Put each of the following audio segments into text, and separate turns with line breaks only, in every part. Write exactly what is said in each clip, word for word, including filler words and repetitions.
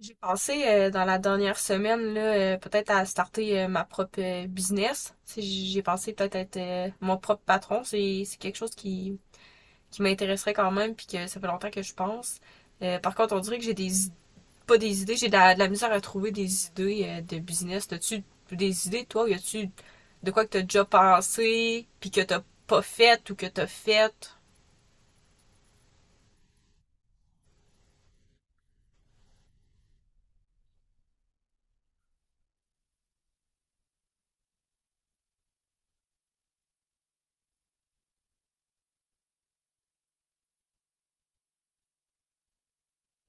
J'ai pensé euh, dans la dernière semaine là, euh, peut-être à starter euh, ma propre euh, business. Tu sais, j'ai pensé peut-être être, euh, mon propre patron. C'est c'est quelque chose qui, qui m'intéresserait quand même, puis que ça fait longtemps que je pense. Euh, par contre, on dirait que j'ai des id- pas des idées, j'ai de la, de la misère à trouver des idées euh, de business. T'as-tu des idées, toi, ou y a-tu de quoi que t'as déjà pensé, puis que t'as pas fait ou que t'as fait?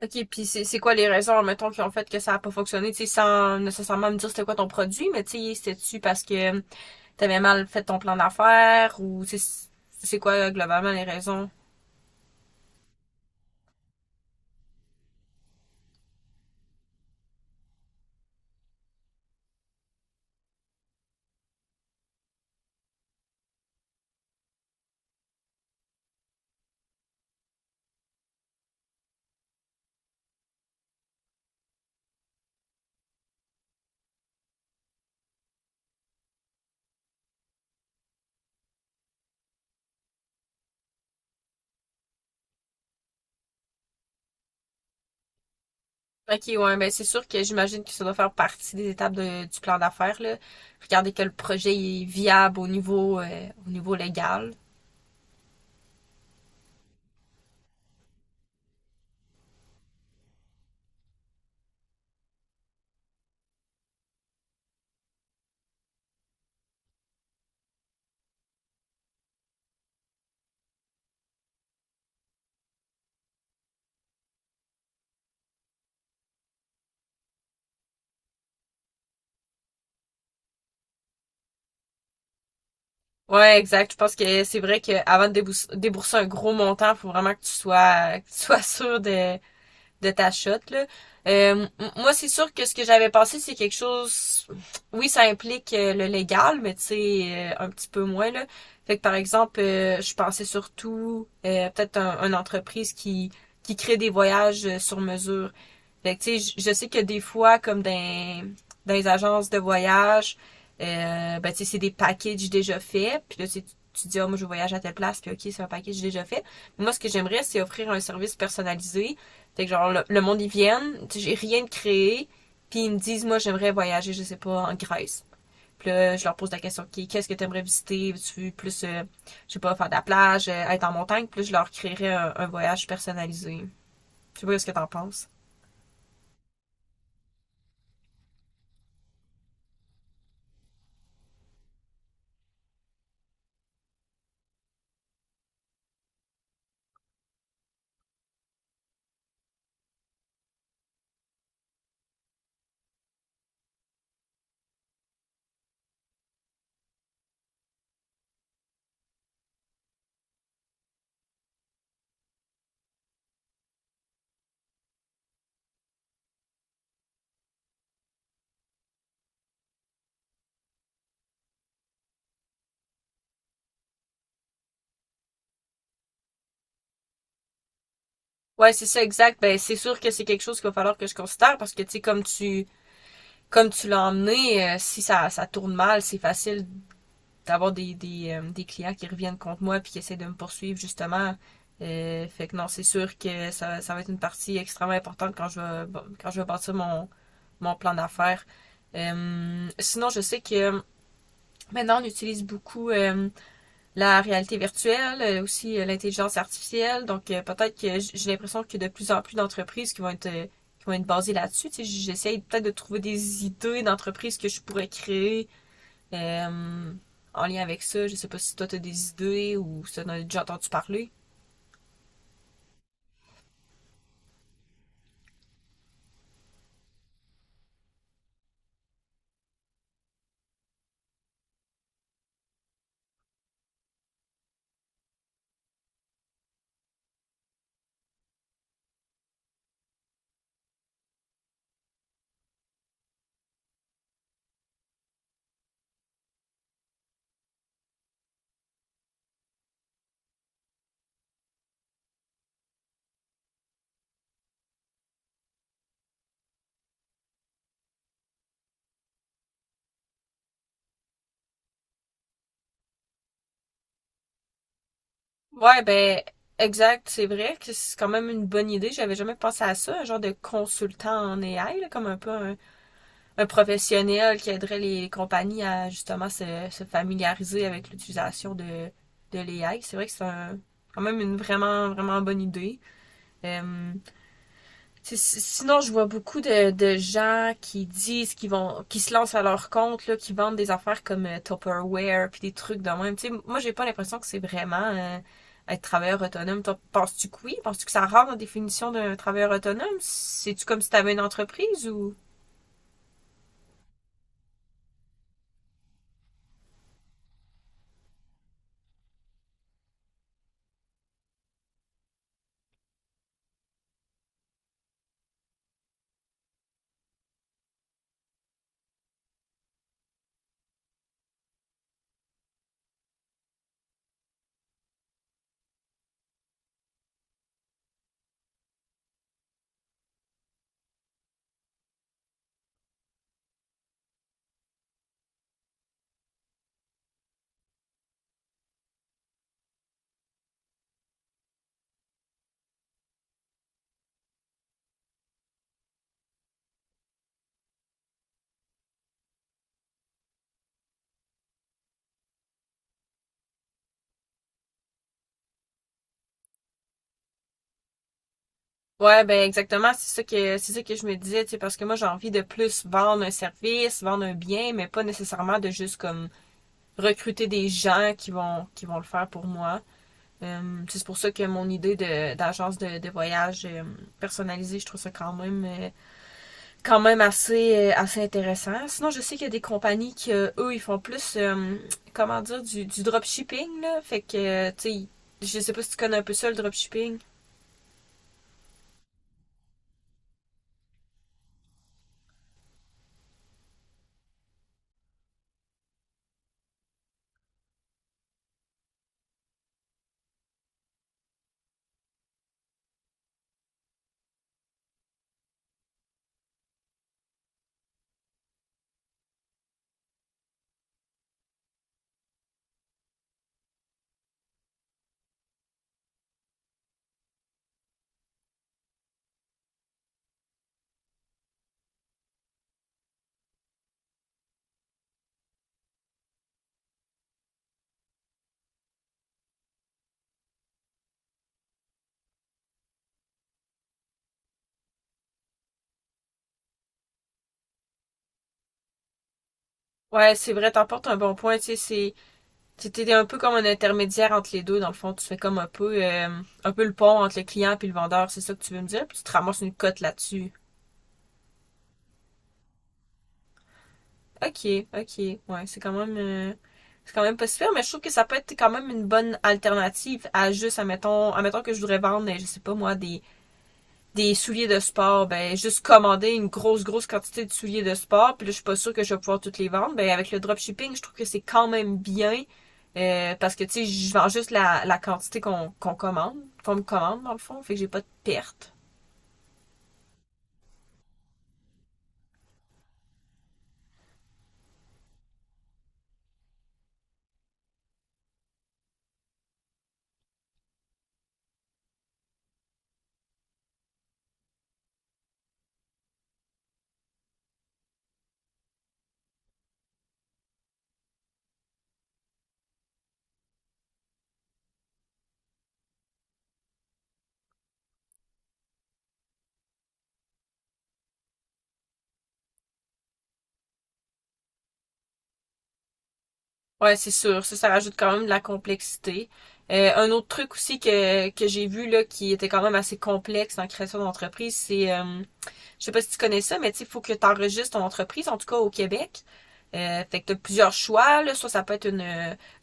OK, puis c'est c'est quoi les raisons, mettons, qui ont fait que ça a pas fonctionné, tu sais, sans nécessairement me dire c'était quoi ton produit, mais tu sais, c'était-tu parce que t'avais mal fait ton plan d'affaires ou tu sais, c'est quoi euh, globalement les raisons? OK, ouais, ben c'est sûr que j'imagine que ça doit faire partie des étapes de- du plan d'affaires, là. Regarder que le projet est viable au niveau euh, au niveau légal. Ouais, exact. Je pense que c'est vrai que avant de débous- débourser un gros montant, faut vraiment que tu sois que tu sois sûr de de ta shot. Là. Euh, Moi, c'est sûr que ce que j'avais pensé, c'est quelque chose. Oui, ça implique euh, le légal, mais tu sais, euh, un petit peu moins là. Fait que par exemple, euh, je pensais surtout euh, peut-être un, une entreprise qui qui crée des voyages euh, sur mesure. Fait que, tu sais, je, sais que des fois, comme dans, dans les agences de voyage, euh, ben, tu sais, c'est des packages déjà faits. Puis là, tu, tu dis, ah, oh, moi, je voyage à telle place, puis OK, c'est un package déjà fait. Mais moi, ce que j'aimerais, c'est offrir un service personnalisé. Fait que, genre, le, le monde, ils viennent, tu sais, j'ai rien de créé, puis ils me disent, moi, j'aimerais voyager, je sais pas, en Grèce. Puis là, je leur pose la question, OK, qu'est-ce que tu aimerais visiter? Tu veux plus, euh, je sais pas, faire de la plage, euh, être en montagne? Puis là, je leur créerais un, un voyage personnalisé. Je sais pas ce que t'en penses. Ouais, c'est ça, exact. Ben, c'est sûr que c'est quelque chose qu'il va falloir que je considère parce que, tu sais, comme tu, comme tu l'as emmené, euh, si ça, ça tourne mal, c'est facile d'avoir des, des, euh, des clients qui reviennent contre moi puis qui essaient de me poursuivre, justement. Euh, fait que non, c'est sûr que ça, ça va être une partie extrêmement importante quand je vais, bon, quand je vais bâtir mon, mon plan d'affaires. Euh, sinon, je sais que maintenant, on utilise beaucoup euh, la réalité virtuelle, euh, aussi euh, l'intelligence artificielle. Donc euh, peut-être que j'ai l'impression qu'il y a de plus en plus d'entreprises qui vont être euh, qui vont être basées là-dessus. Tu sais, j'essaie peut-être de trouver des idées d'entreprises que je pourrais créer euh, en lien avec ça. Je sais pas si toi t'as des idées ou si t'en as déjà entendu parler. Ouais, ben exact, c'est vrai que c'est quand même une bonne idée. J'avais jamais pensé à ça, un genre de consultant en A I, là, comme un peu un, un professionnel qui aiderait les compagnies à justement se, se familiariser avec l'utilisation de, de l'A I. C'est vrai que c'est un- quand même une vraiment, vraiment bonne idée. Euh, Si, si, sinon, je vois beaucoup de, de gens qui disent qu'ils vont, qui se lancent à leur compte, là, qui vendent des affaires comme euh, Tupperware, puis des trucs de même. Tu sais, moi, j'ai pas l'impression que c'est vraiment euh, être travailleur autonome. Toi, penses-tu que oui? Penses-tu que ça rentre dans la définition d'un travailleur autonome? C'est-tu comme si tu avais une entreprise ou... Ouais, ben exactement, c'est ça que c'est ça que je me disais, tu sais, parce que moi j'ai envie de plus vendre un service, vendre un bien, mais pas nécessairement de juste comme recruter des gens qui vont qui vont le faire pour moi. Euh, c'est pour ça que mon idée de d'agence de, de voyage euh, personnalisée, je trouve ça quand même euh, quand même assez euh, assez intéressant. Sinon, je sais qu'il y a des compagnies qui euh, eux ils font plus euh, comment dire du du dropshipping là, fait que euh, tu sais, je sais pas si tu connais un peu ça le dropshipping. Ouais, c'est vrai, t'emportes un bon point, tu sais, c'est c'était un peu comme un intermédiaire entre les deux, dans le fond. Tu fais comme un peu, euh, un peu le pont entre le client et le vendeur, c'est ça que tu veux me dire, puis tu te ramasses une cote là-dessus. OK, OK, ouais, c'est quand même, euh, c'est quand même pas super, mais je trouve que ça peut être quand même une bonne alternative à juste, admettons, admettons que je voudrais vendre, je sais pas moi, des, des souliers de sport, ben juste commander une grosse grosse quantité de souliers de sport, puis là je suis pas sûre que je vais pouvoir toutes les vendre. Ben avec le dropshipping, je trouve que c'est quand même bien euh, parce que tu sais, je vends juste la, la quantité qu'on qu'on commande, qu'on me commande dans le fond, fait que j'ai pas de perte. Ouais, c'est sûr, ça ça rajoute quand même de la complexité. Euh, un autre truc aussi que, que j'ai vu là qui était quand même assez complexe dans la création d'entreprise, c'est euh, je sais pas si tu connais ça, mais tu il faut que tu enregistres ton entreprise, en tout cas au Québec. Euh, fait que tu as plusieurs choix, là. Soit ça peut être une,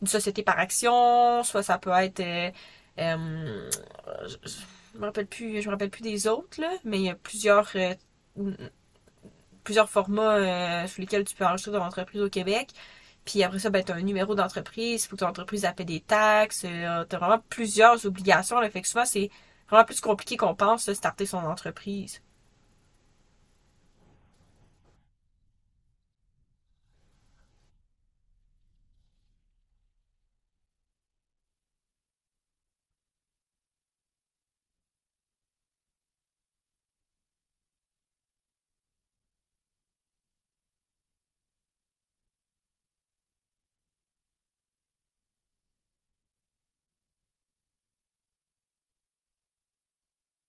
une société par action, soit ça peut être euh, euh, je, je me rappelle plus, je me rappelle plus des autres, là, mais il y a plusieurs euh, plusieurs formats euh, sous lesquels tu peux enregistrer ton entreprise au Québec. Puis après ça, ben, tu as un numéro d'entreprise, il faut que ton entreprise paie des taxes, euh, tu as vraiment plusieurs obligations. Là, fait que souvent, c'est vraiment plus compliqué qu'on pense, de starter son entreprise.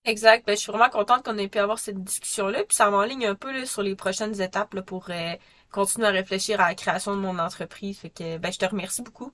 Exact. Ben, je suis vraiment contente qu'on ait pu avoir cette discussion-là, puis ça m'enligne un peu là, sur les prochaines étapes là, pour euh, continuer à réfléchir à la création de mon entreprise. Fait que ben, je te remercie beaucoup.